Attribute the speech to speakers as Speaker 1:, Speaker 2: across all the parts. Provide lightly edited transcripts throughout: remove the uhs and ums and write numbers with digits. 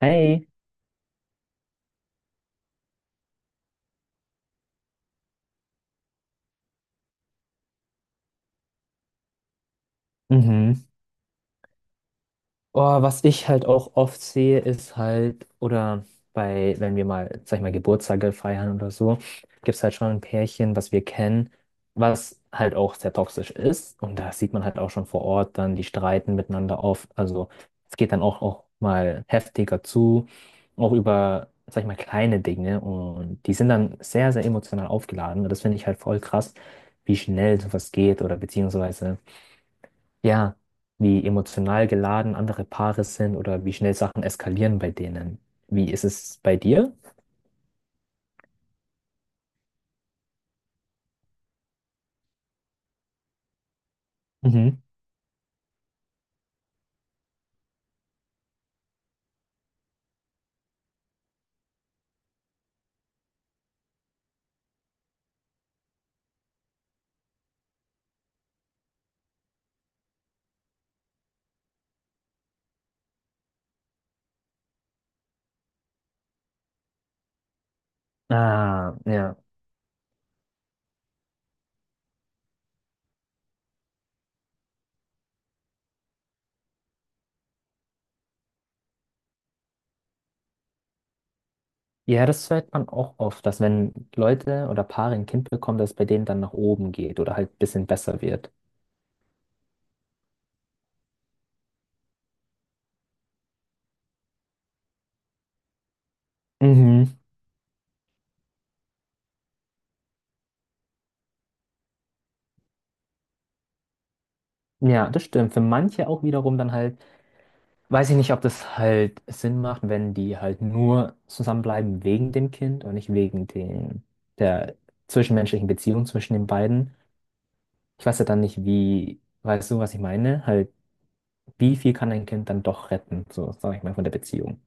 Speaker 1: Hey. Mhm. Oh, was ich halt auch oft sehe, ist halt, oder bei, wenn wir mal, sag ich mal, Geburtstage feiern oder so, gibt es halt schon ein Pärchen, was wir kennen, was halt auch sehr toxisch ist. Und da sieht man halt auch schon vor Ort dann, die streiten miteinander oft. Also es geht dann auch mal heftiger zu, auch über, sag ich mal, kleine Dinge. Und die sind dann sehr emotional aufgeladen. Und das finde ich halt voll krass, wie schnell sowas geht oder beziehungsweise, ja, wie emotional geladen andere Paare sind oder wie schnell Sachen eskalieren bei denen. Wie ist es bei dir? Mhm. Ah, ja. Ja, das hört man auch oft, dass, wenn Leute oder Paare ein Kind bekommen, dass es bei denen dann nach oben geht oder halt ein bisschen besser wird. Mhm. Ja, das stimmt. Für manche auch wiederum dann halt, weiß ich nicht, ob das halt Sinn macht, wenn die halt nur zusammenbleiben wegen dem Kind und nicht wegen den, der zwischenmenschlichen Beziehung zwischen den beiden. Ich weiß ja dann nicht, wie, weißt du, was ich meine? Halt, wie viel kann ein Kind dann doch retten, so sag ich mal, von der Beziehung?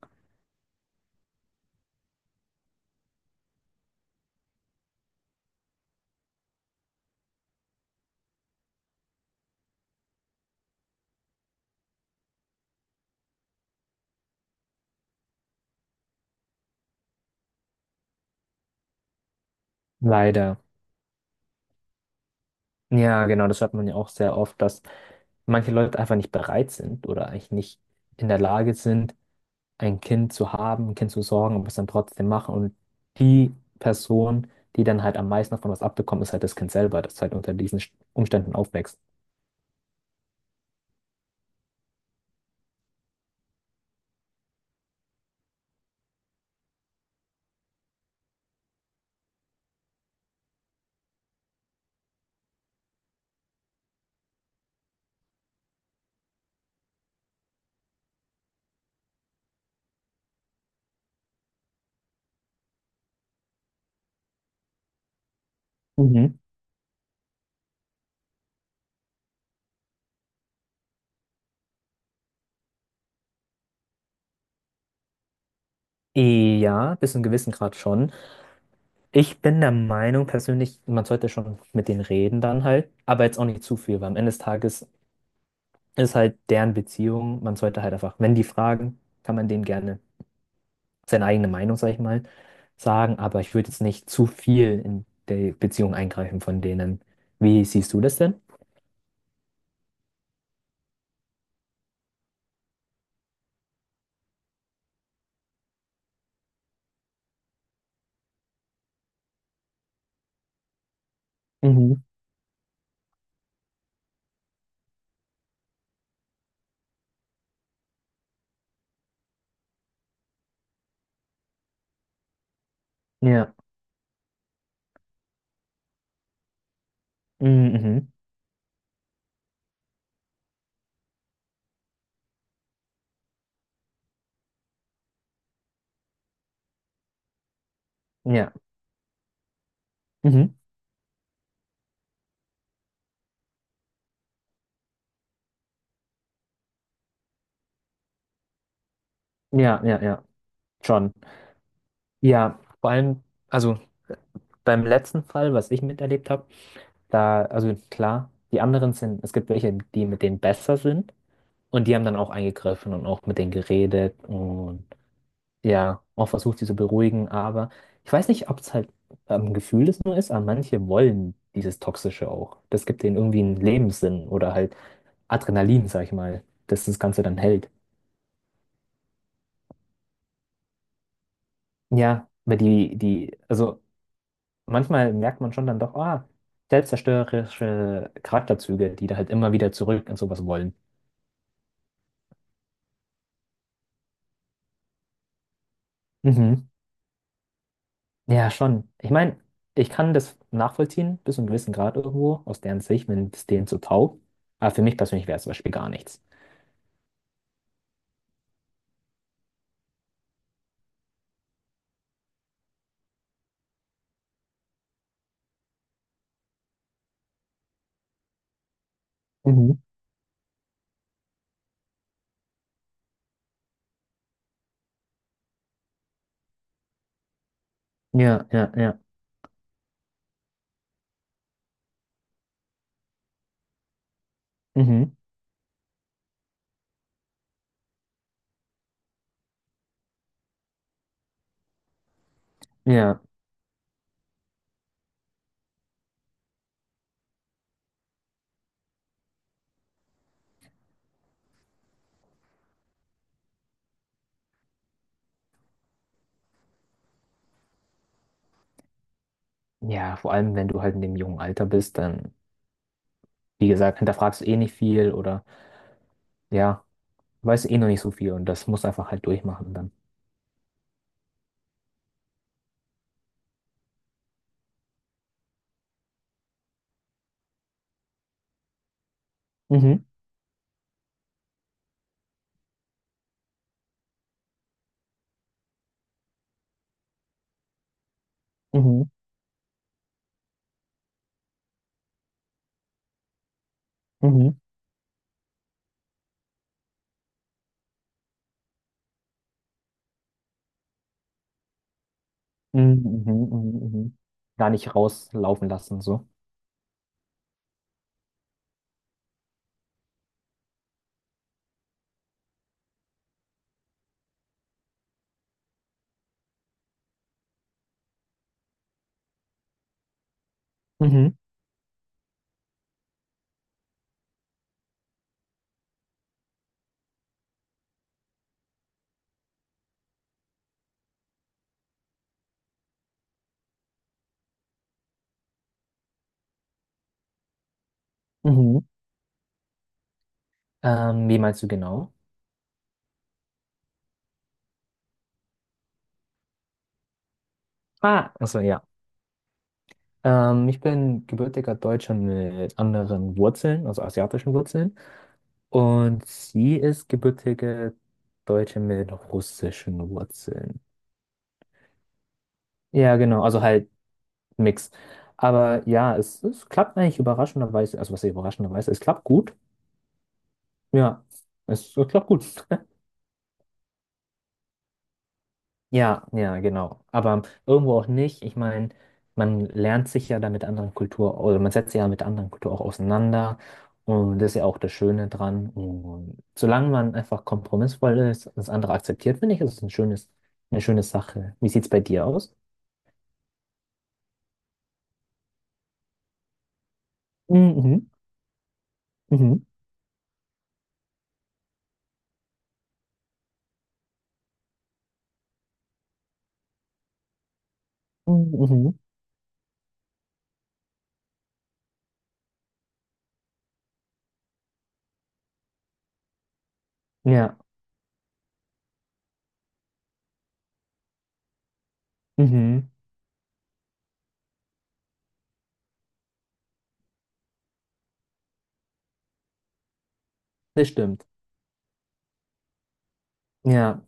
Speaker 1: Leider. Ja, genau, das hört man ja auch sehr oft, dass manche Leute einfach nicht bereit sind oder eigentlich nicht in der Lage sind, ein Kind zu haben, ein Kind zu sorgen, aber es dann trotzdem machen. Und die Person, die dann halt am meisten davon was abbekommt, ist halt das Kind selber, das halt unter diesen Umständen aufwächst. Mhm. Ja, bis zu einem gewissen Grad schon. Ich bin der Meinung persönlich, man sollte schon mit denen reden dann halt, aber jetzt auch nicht zu viel, weil am Ende des Tages ist halt deren Beziehung, man sollte halt einfach, wenn die fragen, kann man denen gerne seine eigene Meinung, sag ich mal, sagen, aber ich würde jetzt nicht zu viel in die Beziehung eingreifen von denen. Wie siehst du das denn? Mhm. Ja. Mhm. Mhm. Ja. Mhm. Ja, ja, ja. Schon. Ja, vor allem, also beim letzten Fall, was ich miterlebt habe. Da, also klar, die anderen sind, es gibt welche, die mit denen besser sind, und die haben dann auch eingegriffen und auch mit denen geredet und ja, auch versucht, sie zu beruhigen, aber ich weiß nicht, ob es halt am Gefühl es nur ist, aber manche wollen dieses Toxische auch. Das gibt denen irgendwie einen Lebenssinn oder halt Adrenalin, sag ich mal, dass das Ganze dann hält. Ja, aber also manchmal merkt man schon dann doch, ah, selbstzerstörerische Charakterzüge, die da halt immer wieder zurück und sowas wollen. Mhm. Ja, schon. Ich meine, ich kann das nachvollziehen, bis zu einem gewissen Grad irgendwo, aus deren Sicht, wenn es denen so taugt. Aber für mich persönlich wäre es zum Beispiel gar nichts. Mhm. Ja, ja, ja. Mhm. Ja. Ja, vor allem, wenn du halt in dem jungen Alter bist, dann, wie gesagt, hinterfragst du eh nicht viel oder ja, weißt du eh noch nicht so viel, und das musst du einfach halt durchmachen dann. Mhm. Mhm. Mhm. Mhm. Mhm. Mhm. Mhm. Gar nicht rauslaufen lassen, so. Mhm. Mhm. Wie meinst du genau? Ah, also ja. Ich bin gebürtiger Deutscher mit anderen Wurzeln, also asiatischen Wurzeln. Und sie ist gebürtige Deutsche mit russischen Wurzeln. Ja, genau, also halt Mix. Aber ja, es klappt eigentlich überraschenderweise, also was heißt überraschenderweise, es klappt gut. Ja, es klappt gut. Ja, ja, genau. Aber irgendwo auch nicht. Ich meine, man lernt sich ja da mit anderen Kultur oder man setzt sich ja mit anderen Kultur auch auseinander. Und das ist ja auch das Schöne dran. Und solange man einfach kompromissvoll ist und das andere akzeptiert, finde ich, ist es ein schönes, eine schöne Sache. Wie sieht es bei dir aus? Mhm, mhm, mhm, mhm. Ja, mhm, das stimmt. Ja,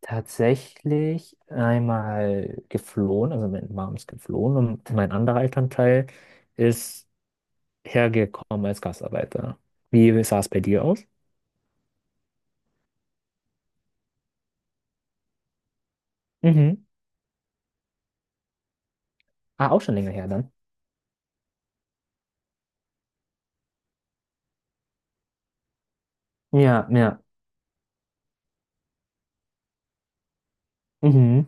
Speaker 1: tatsächlich einmal geflohen, also meine Mom ist geflohen und mein anderer Elternteil ist hergekommen als Gastarbeiter. Wie sah es bei dir aus? Mhm. Ah, auch schon länger her dann. Ja, ja. Mhm.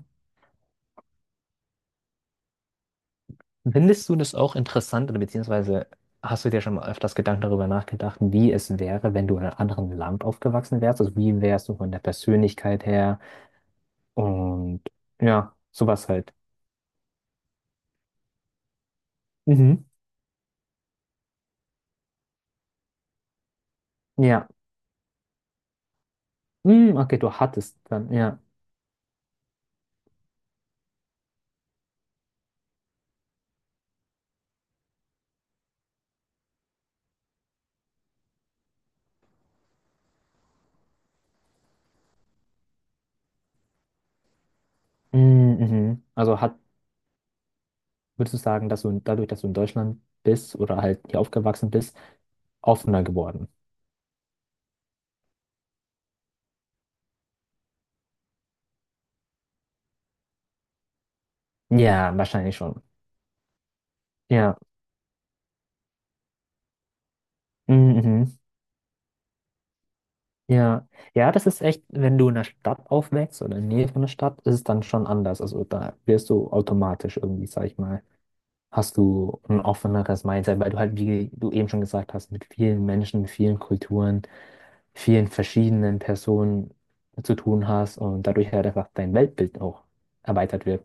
Speaker 1: Findest du das auch interessant oder beziehungsweise hast du dir schon mal öfters Gedanken darüber nachgedacht, wie es wäre, wenn du in einem anderen Land aufgewachsen wärst? Also wie wärst du von der Persönlichkeit her und ja, sowas halt. Mhm. Ja. Mhm, okay, du hattest dann, ja. Mhm. Mhm. Also hat, würdest du sagen, dass du dadurch, dass du in Deutschland bist oder halt hier aufgewachsen bist, offener geworden? Ja, wahrscheinlich schon. Ja. Mhm. Mhm. Ja. Ja, das ist echt, wenn du in der Stadt aufwächst oder in der Nähe von der Stadt, ist es dann schon anders. Also da wirst du automatisch irgendwie, sag ich mal, hast du ein offeneres Mindset, weil du halt, wie du eben schon gesagt hast, mit vielen Menschen, vielen Kulturen, vielen verschiedenen Personen zu tun hast und dadurch halt einfach dein Weltbild auch erweitert wird.